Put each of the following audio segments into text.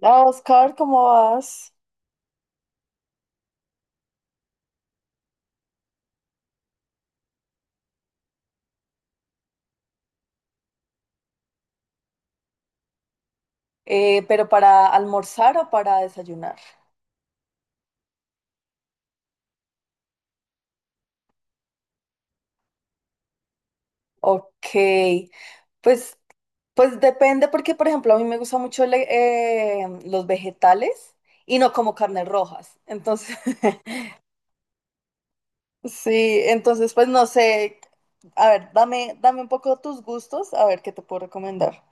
Hola Oscar, ¿cómo vas? ¿pero para almorzar o para desayunar? Ok, pues, pues depende porque, por ejemplo, a mí me gustan mucho los vegetales y no como carnes rojas. Entonces, sí, entonces pues no sé, a ver, dame un poco tus gustos, a ver qué te puedo recomendar.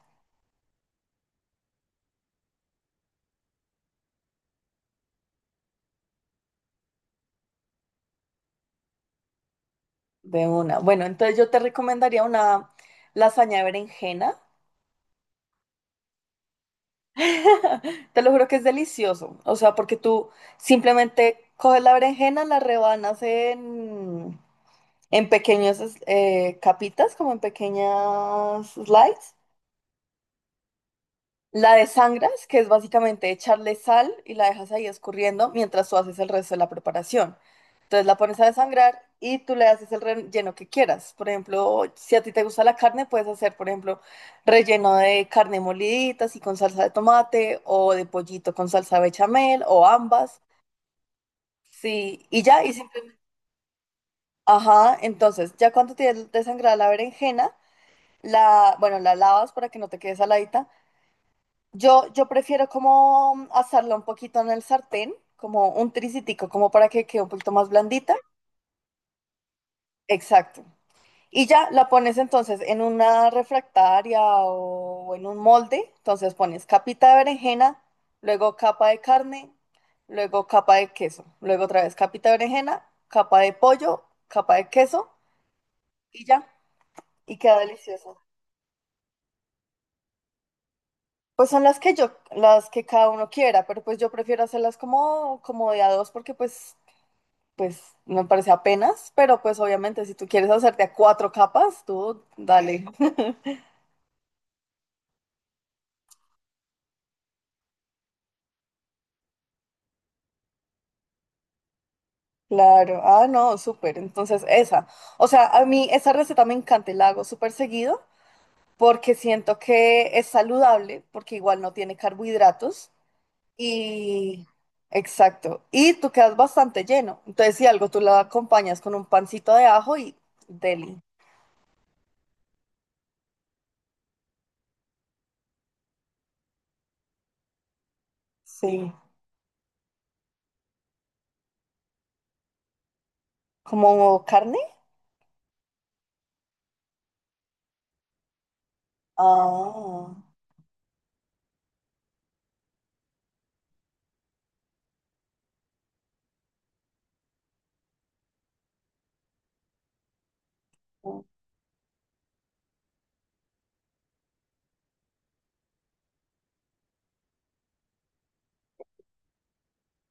De una. Bueno, entonces yo te recomendaría una lasaña de berenjena. Te lo juro que es delicioso. O sea, porque tú simplemente coges la berenjena, la rebanas en pequeñas capitas, como en pequeñas slices, la desangras, que es básicamente echarle sal y la dejas ahí escurriendo mientras tú haces el resto de la preparación. Entonces la pones a desangrar y tú le haces el relleno que quieras. Por ejemplo, si a ti te gusta la carne, puedes hacer, por ejemplo, relleno de carne molidita, así con salsa de tomate, o de pollito con salsa bechamel, o ambas. Sí, y ya, y ajá, entonces, ya cuando tienes desangrada la berenjena, la, bueno, la lavas para que no te quede saladita. Yo prefiero como asarla un poquito en el sartén, como un tricitico, como para que quede un poquito más blandita. Exacto. Y ya la pones entonces en una refractaria o en un molde. Entonces pones capita de berenjena, luego capa de carne, luego capa de queso, luego otra vez capita de berenjena, capa de pollo, capa de queso y ya. Y queda delicioso. Pues son las que yo, las que cada uno quiera, pero pues yo prefiero hacerlas como, como de a dos porque pues pues me parece apenas, pero pues obviamente si tú quieres hacerte a cuatro capas, tú dale. Claro, ah, no, súper. Entonces, esa. O sea, a mí esa receta me encanta y la hago súper seguido porque siento que es saludable, porque igual no tiene carbohidratos y... exacto. Y tú quedas bastante lleno. Entonces, si algo tú la acompañas con un pancito de ajo y deli. Sí. ¿Como carne? Ah.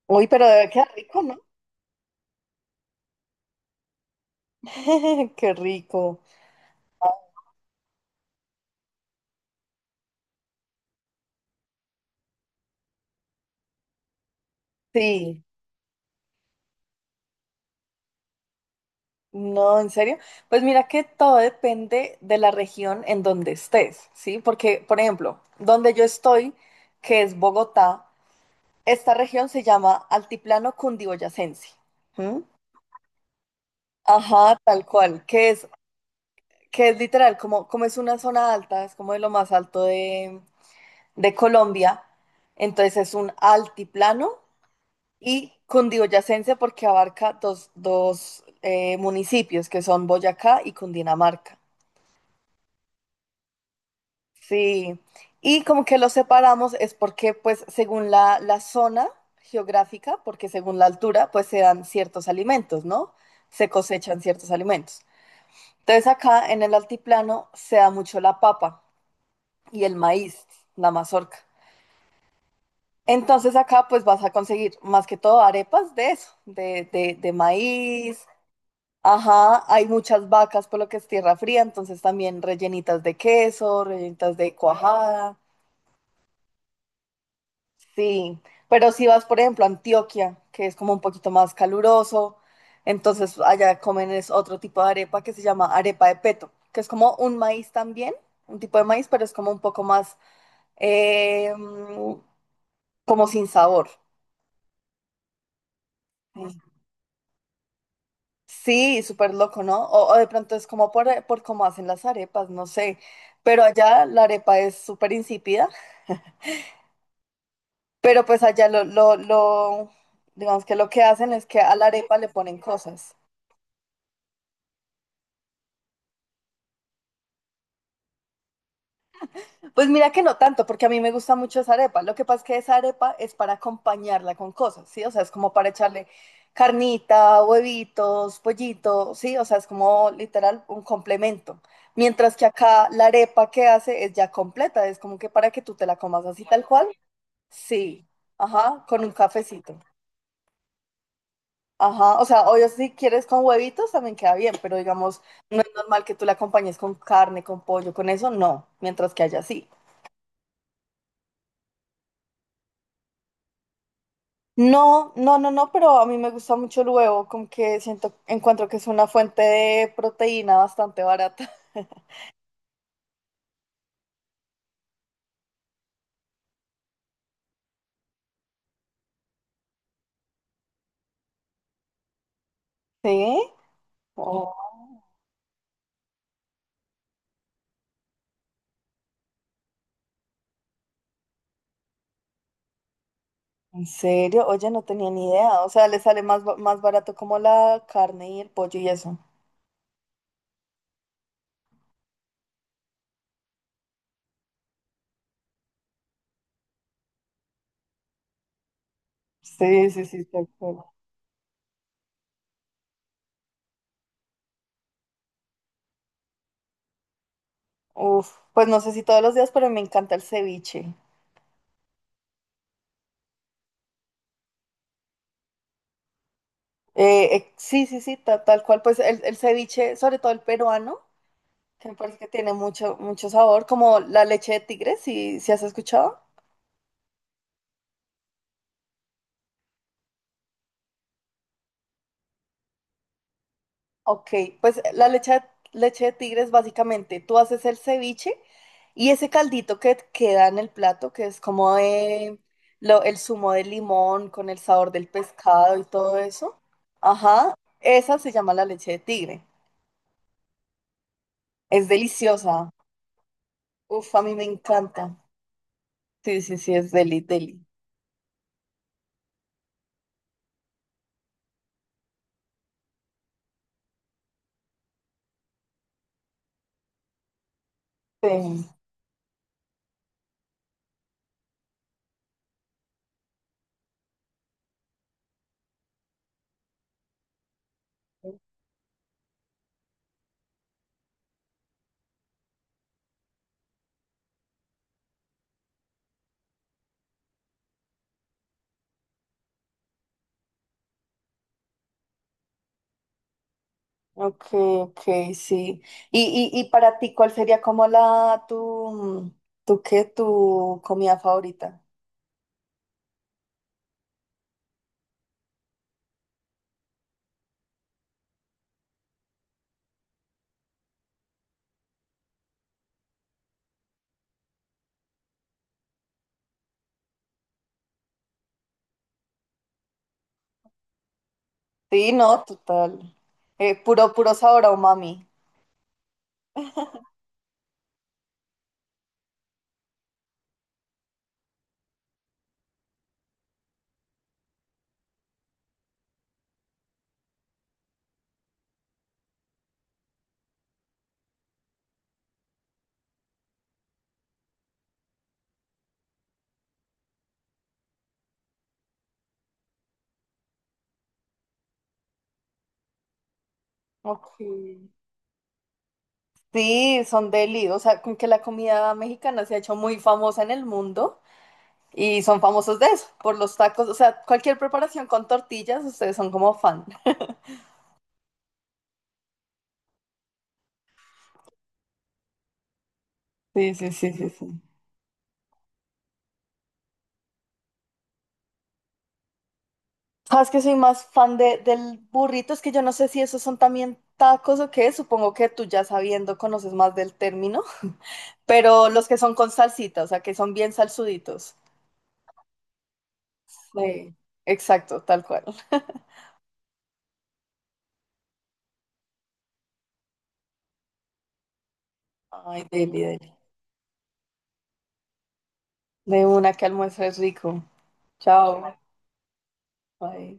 Uy, pero debe quedar rico, ¿no? Qué rico. Sí, no, en serio. Pues mira que todo depende de la región en donde estés, ¿sí? Porque, por ejemplo, donde yo estoy, que es Bogotá, esta región se llama Altiplano Cundiboyacense. ¿Mm? Ajá, tal cual, que es literal, como, como es una zona alta, es como de lo más alto de Colombia, entonces es un altiplano y cundiboyacense porque abarca municipios que son Boyacá y Cundinamarca. Sí, y como que los separamos es porque pues según la zona geográfica, porque según la altura pues se dan ciertos alimentos, ¿no? Se cosechan ciertos alimentos. Entonces acá en el altiplano se da mucho la papa y el maíz, la mazorca. Entonces acá pues vas a conseguir más que todo arepas de eso, de maíz, ajá, hay muchas vacas por lo que es tierra fría, entonces también rellenitas de queso, rellenitas de cuajada, sí. Pero si vas, por ejemplo, a Antioquia, que es como un poquito más caluroso, entonces allá comen es otro tipo de arepa que se llama arepa de peto, que es como un maíz también, un tipo de maíz, pero es como un poco más, eh, mm, como sin sabor. Sí, sí, súper loco, ¿no? O de pronto es como por cómo hacen las arepas, no sé. Pero allá la arepa es súper insípida. Pero pues allá digamos que lo que hacen es que a la arepa le ponen cosas. Pues mira que no tanto, porque a mí me gusta mucho esa arepa. Lo que pasa es que esa arepa es para acompañarla con cosas, ¿sí? O sea, es como para echarle carnita, huevitos, pollito, ¿sí? O sea, es como literal un complemento. Mientras que acá la arepa que hace es ya completa, es como que para que tú te la comas así tal cual, sí, ajá, con un cafecito. Ajá, o sea, obvio si quieres con huevitos también queda bien, pero digamos, no es normal que tú la acompañes con carne, con pollo, con eso, no, mientras que haya así. No, no, no, no, pero a mí me gusta mucho el huevo, como que siento, encuentro que es una fuente de proteína bastante barata. ¿Sí? Oh, ¿en serio? Oye, no tenía ni idea, o sea, le sale más, más barato como la carne y el pollo y eso. Sí, sí, sí, tal cual. Uf, pues no sé si todos los días, pero me encanta el ceviche. Sí, sí, sí, tal, cual, pues el ceviche, sobre todo el peruano, que me parece que tiene mucho, mucho sabor, como la leche de tigre, si, si has escuchado. Ok, pues leche de tigre es básicamente, tú haces el ceviche y ese caldito que queda en el plato, que es como de el zumo de limón con el sabor del pescado y todo eso. Ajá, esa se llama la leche de tigre. Es deliciosa. Uf, a mí me encanta. Sí, sí, sí, es deli, deli. Sí. Ok, ok, sí. Y para ti, ¿cuál sería como la tu, tu qué, tu comida favorita? Sí, no, total. Puro, puro sabor a umami. Ok. Sí, son deli. O sea, con que la comida mexicana se ha hecho muy famosa en el mundo y son famosos de eso, por los tacos. O sea, cualquier preparación con tortillas, ustedes son como fan. Sí, sí, sí, sí, sí. Sabes que soy más fan de, del burrito, es que yo no sé si esos son también tacos o qué, supongo que tú ya sabiendo conoces más del término, pero los que son con salsita, o sea, que son bien salsuditos. Sí, exacto, tal cual. Ay, deli, deli. De una que almuerzo es rico. Chao. Bye.